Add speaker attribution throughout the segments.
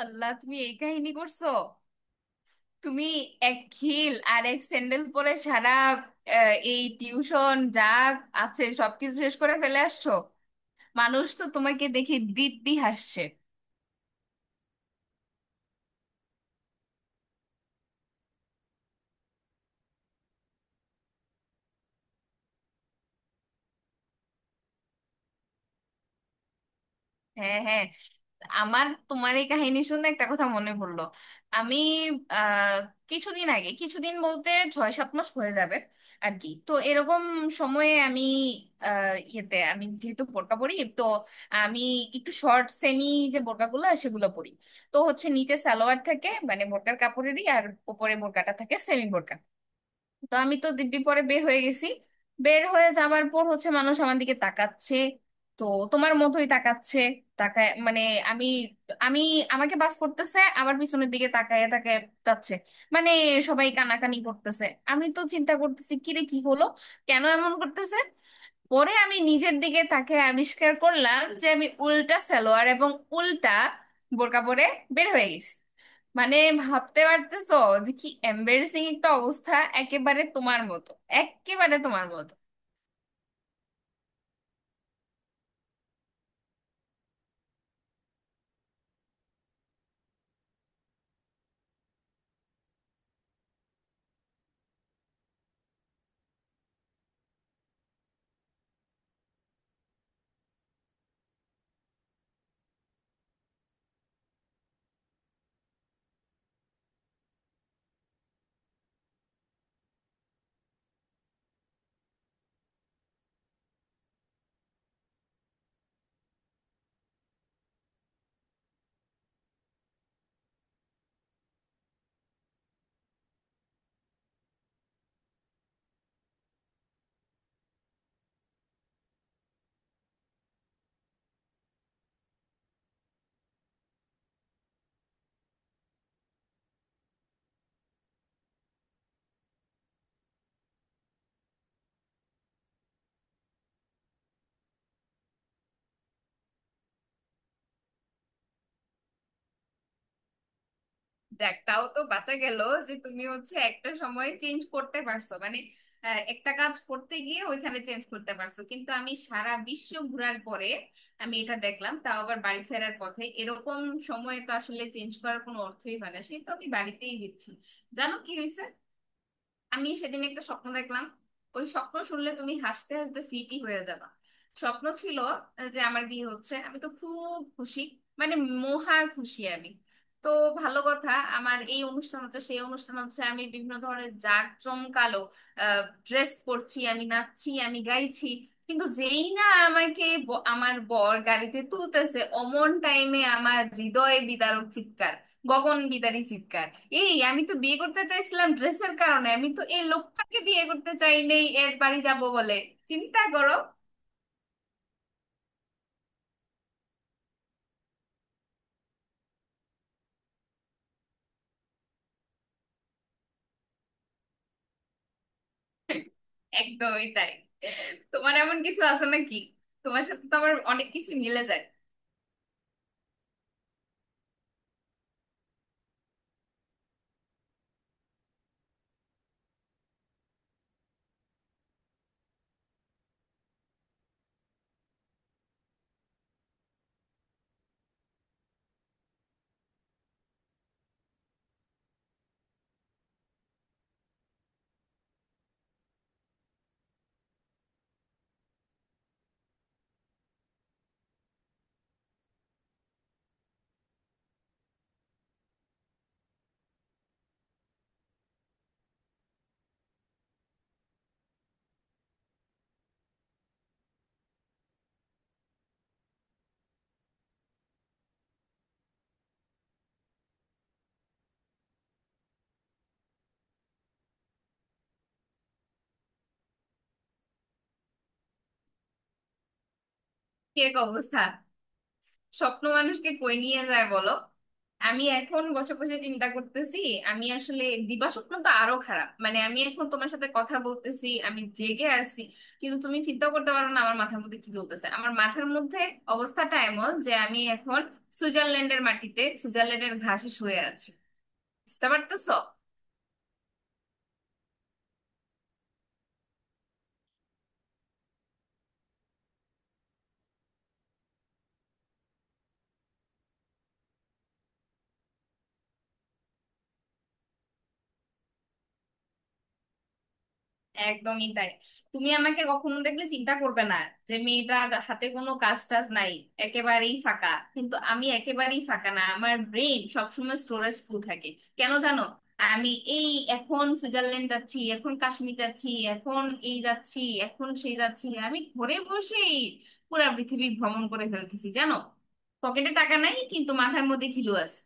Speaker 1: আল্লাহ, তুমি এই কাহিনী করছো! তুমি এক হিল আর এক স্যান্ডেল পরে সারা এই টিউশন যা আছে সবকিছু শেষ করে ফেলে আসছো। মানুষ তো তোমাকে দেখে দিব্যি হাসছে। হ্যাঁ, হ্যাঁ, আমার তোমার এই কাহিনী শুনে একটা কথা মনে পড়লো। আমি আহ কিছুদিন আগে, কিছুদিন বলতে ছয় সাত মাস হয়ে যাবে আর কি, তো এরকম সময়ে আমি ইয়েতে, আমি যেহেতু বোরকা পরি তো, আমি একটু শর্ট সেমি যে বোরকাগুলো সেগুলো পরি। তো হচ্ছে নিচে সালোয়ার থাকে, মানে বোরকার কাপড়েরই, আর উপরে বোরকাটা থাকে, সেমি বোরকা। তো আমি তো দিব্যি পরে বের হয়ে গেছি। বের হয়ে যাবার পর হচ্ছে মানুষ আমার দিকে তাকাচ্ছে, তো তোমার মতোই তাকাচ্ছে। তাকায় মানে আমি আমি আমাকে বাস করতেছে, আবার পিছনের দিকে তাকায় তাকায় যাচ্ছে। মানে সবাই কানাকানি করতেছে। আমি তো চিন্তা করতেছি, কিরে কি হলো, কেন এমন করতেছে। পরে আমি নিজের দিকে তাকে আবিষ্কার করলাম যে আমি উল্টা সালোয়ার এবং উল্টা বোরকা পরে বের হয়ে গেছি। মানে ভাবতে পারতেছো যে কি এম্বারেসিং একটা অবস্থা! একেবারে তোমার মতো, একেবারে তোমার মতো। দেখ তাও তো বাঁচা গেল যে তুমি হচ্ছে একটা সময় চেঞ্জ করতে পারছো, মানে একটা কাজ করতে গিয়ে ওইখানে চেঞ্জ করতে পারছো, কিন্তু আমি সারা বিশ্ব ঘুরার পরে আমি এটা দেখলাম, তাও আবার বাড়ি ফেরার পথে। এরকম সময় তো আসলে চেঞ্জ করার কোনো অর্থই হয় না, সেই তো আমি বাড়িতেই দিচ্ছি। জানো কি হয়েছে, আমি সেদিন একটা স্বপ্ন দেখলাম। ওই স্বপ্ন শুনলে তুমি হাসতে হাসতে ফিটি হয়ে যাবে। স্বপ্ন ছিল যে আমার বিয়ে হচ্ছে, আমি তো খুব খুশি, মানে মহা খুশি আমি। তো ভালো কথা, আমার এই অনুষ্ঠান হচ্ছে, সেই অনুষ্ঠান হচ্ছে, আমি বিভিন্ন ধরনের জাঁক জমকালো ড্রেস পরছি, আমি নাচছি, আমি গাইছি। কিন্তু যেই না আমাকে আমার বর গাড়িতে তুলতেছে, অমন টাইমে আমার হৃদয় বিদারক চিৎকার, গগন বিদারী চিৎকার। এই আমি তো বিয়ে করতে চাইছিলাম ড্রেসের কারণে, আমি তো এই লোকটাকে বিয়ে করতে চাই নেই এর বাড়ি যাব বলে। চিন্তা করো! একদমই তাই। তোমার এমন কিছু আছে নাকি? তোমার সাথে তো আমার অনেক কিছু মিলে যায়। কি এক অবস্থা! স্বপ্ন মানুষকে কই নিয়ে যায় বলো। আমি এখন বছর বসে চিন্তা করতেছি, আমি আসলে দিবা স্বপ্ন তো আরো খারাপ। মানে আমি এখন তোমার সাথে কথা বলতেছি, আমি জেগে আছি, কিন্তু তুমি চিন্তা করতে পারো না আমার মাথার মধ্যে কি চলতেছে। আমার মাথার মধ্যে অবস্থাটা এমন যে আমি এখন সুইজারল্যান্ডের মাটিতে, সুইজারল্যান্ডের ঘাসে শুয়ে আছি। বুঝতে পারতেছো? একদমই তাই। তুমি আমাকে কখনো দেখলে চিন্তা করবে না যে মেয়েটার হাতে কোনো কাজ টাজ নাই, একেবারেই ফাঁকা। কিন্তু আমি একেবারেই ফাঁকা না, আমার ব্রেন সবসময় স্টোরেজ ফুল থাকে। কেন জানো? আমি এই এখন সুইজারল্যান্ড যাচ্ছি, এখন কাশ্মীর যাচ্ছি, এখন এই যাচ্ছি, এখন সেই যাচ্ছি। আমি ঘরে বসেই পুরা পৃথিবী ভ্রমণ করে ফেলতেছি জানো। পকেটে টাকা নাই, কিন্তু মাথার মধ্যে খিলু আছে।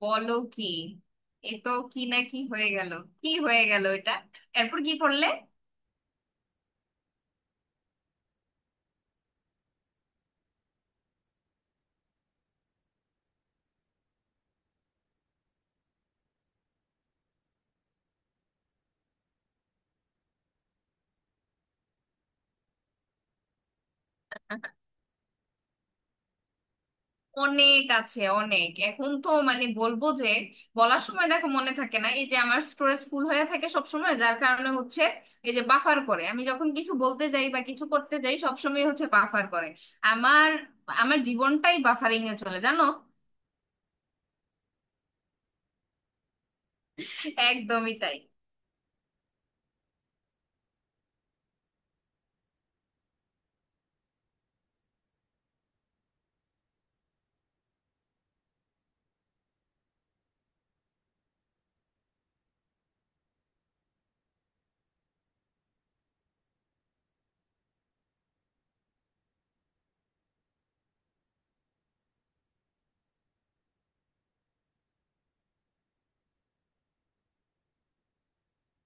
Speaker 1: বলো কি! এ তো কি না কি হয়ে গেল! কি হয়ে গেল এটা! এরপর কি করলে? অনেক আছে, অনেক। এখন তো মানে বলবো, যে বলার সময় দেখো মনে থাকে না। এই যে আমার স্টোরেজ ফুল হয়ে থাকে সব সময়, যার কারণে হচ্ছে এই যে বাফার করে, আমি যখন কিছু বলতে যাই বা কিছু করতে যাই সব সময় হচ্ছে বাফার করে। আমার আমার জীবনটাই বাফারিং এ চলে জানো। একদমই তাই।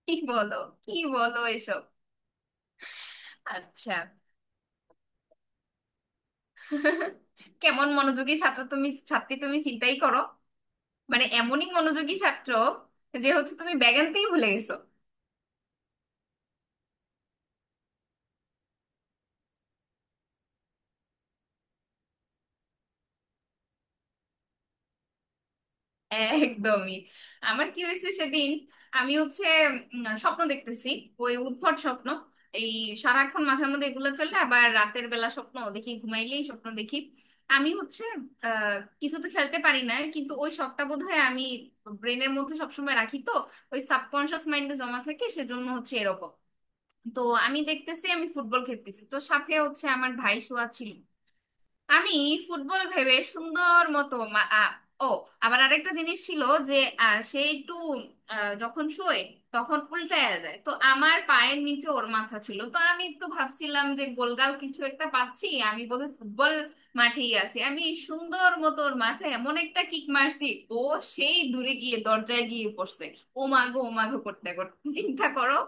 Speaker 1: কি বলো, কি বলো এসব! আচ্ছা, কেমন মনোযোগী ছাত্র তুমি, ছাত্রী তুমি, চিন্তাই করো। মানে এমনই মনোযোগী ছাত্র যে হচ্ছে তুমি ব্যাগ আনতেই ভুলে গেছো। একদমই। আমার কি হয়েছে সেদিন, আমি হচ্ছে স্বপ্ন দেখতেছি, ওই উদ্ভট স্বপ্ন। এই সারাক্ষণ মাথার মধ্যে এগুলো চলে, আবার রাতের বেলা স্বপ্ন দেখি, ঘুমাইলেই স্বপ্ন দেখি। আমি হচ্ছে আহ কিছু তো খেলতে পারি না, কিন্তু ওই শখটা বোধহয় আমি ব্রেনের মধ্যে সবসময় রাখি তো, ওই সাবকনশিয়াস মাইন্ডে জমা থাকে, সেজন্য হচ্ছে এরকম। তো আমি দেখতেছি আমি ফুটবল খেলতেছি, তো সাথে হচ্ছে আমার ভাই শোয়া ছিল। আমি ফুটবল ভেবে সুন্দর মতো ও, আবার আরেকটা জিনিস ছিল যে সে একটু আ, যখন শোয় তখন উল্টায়া যায়, তো আমার পায়ের নিচে ওর মাথা ছিল, তো আমি তো ভাবছিলাম যে গোলগাল কিছু একটা পাচ্ছি, আমি বোধহয় ফুটবল মাঠেই আছি। আমি সুন্দর মতো ওর মাথায় এমন একটা কিক মারছি, ও সেই দূরে গিয়ে দরজায় গিয়ে পড়ছে, ও মাগো ও মাগো করতে করতে। চিন্তা করো!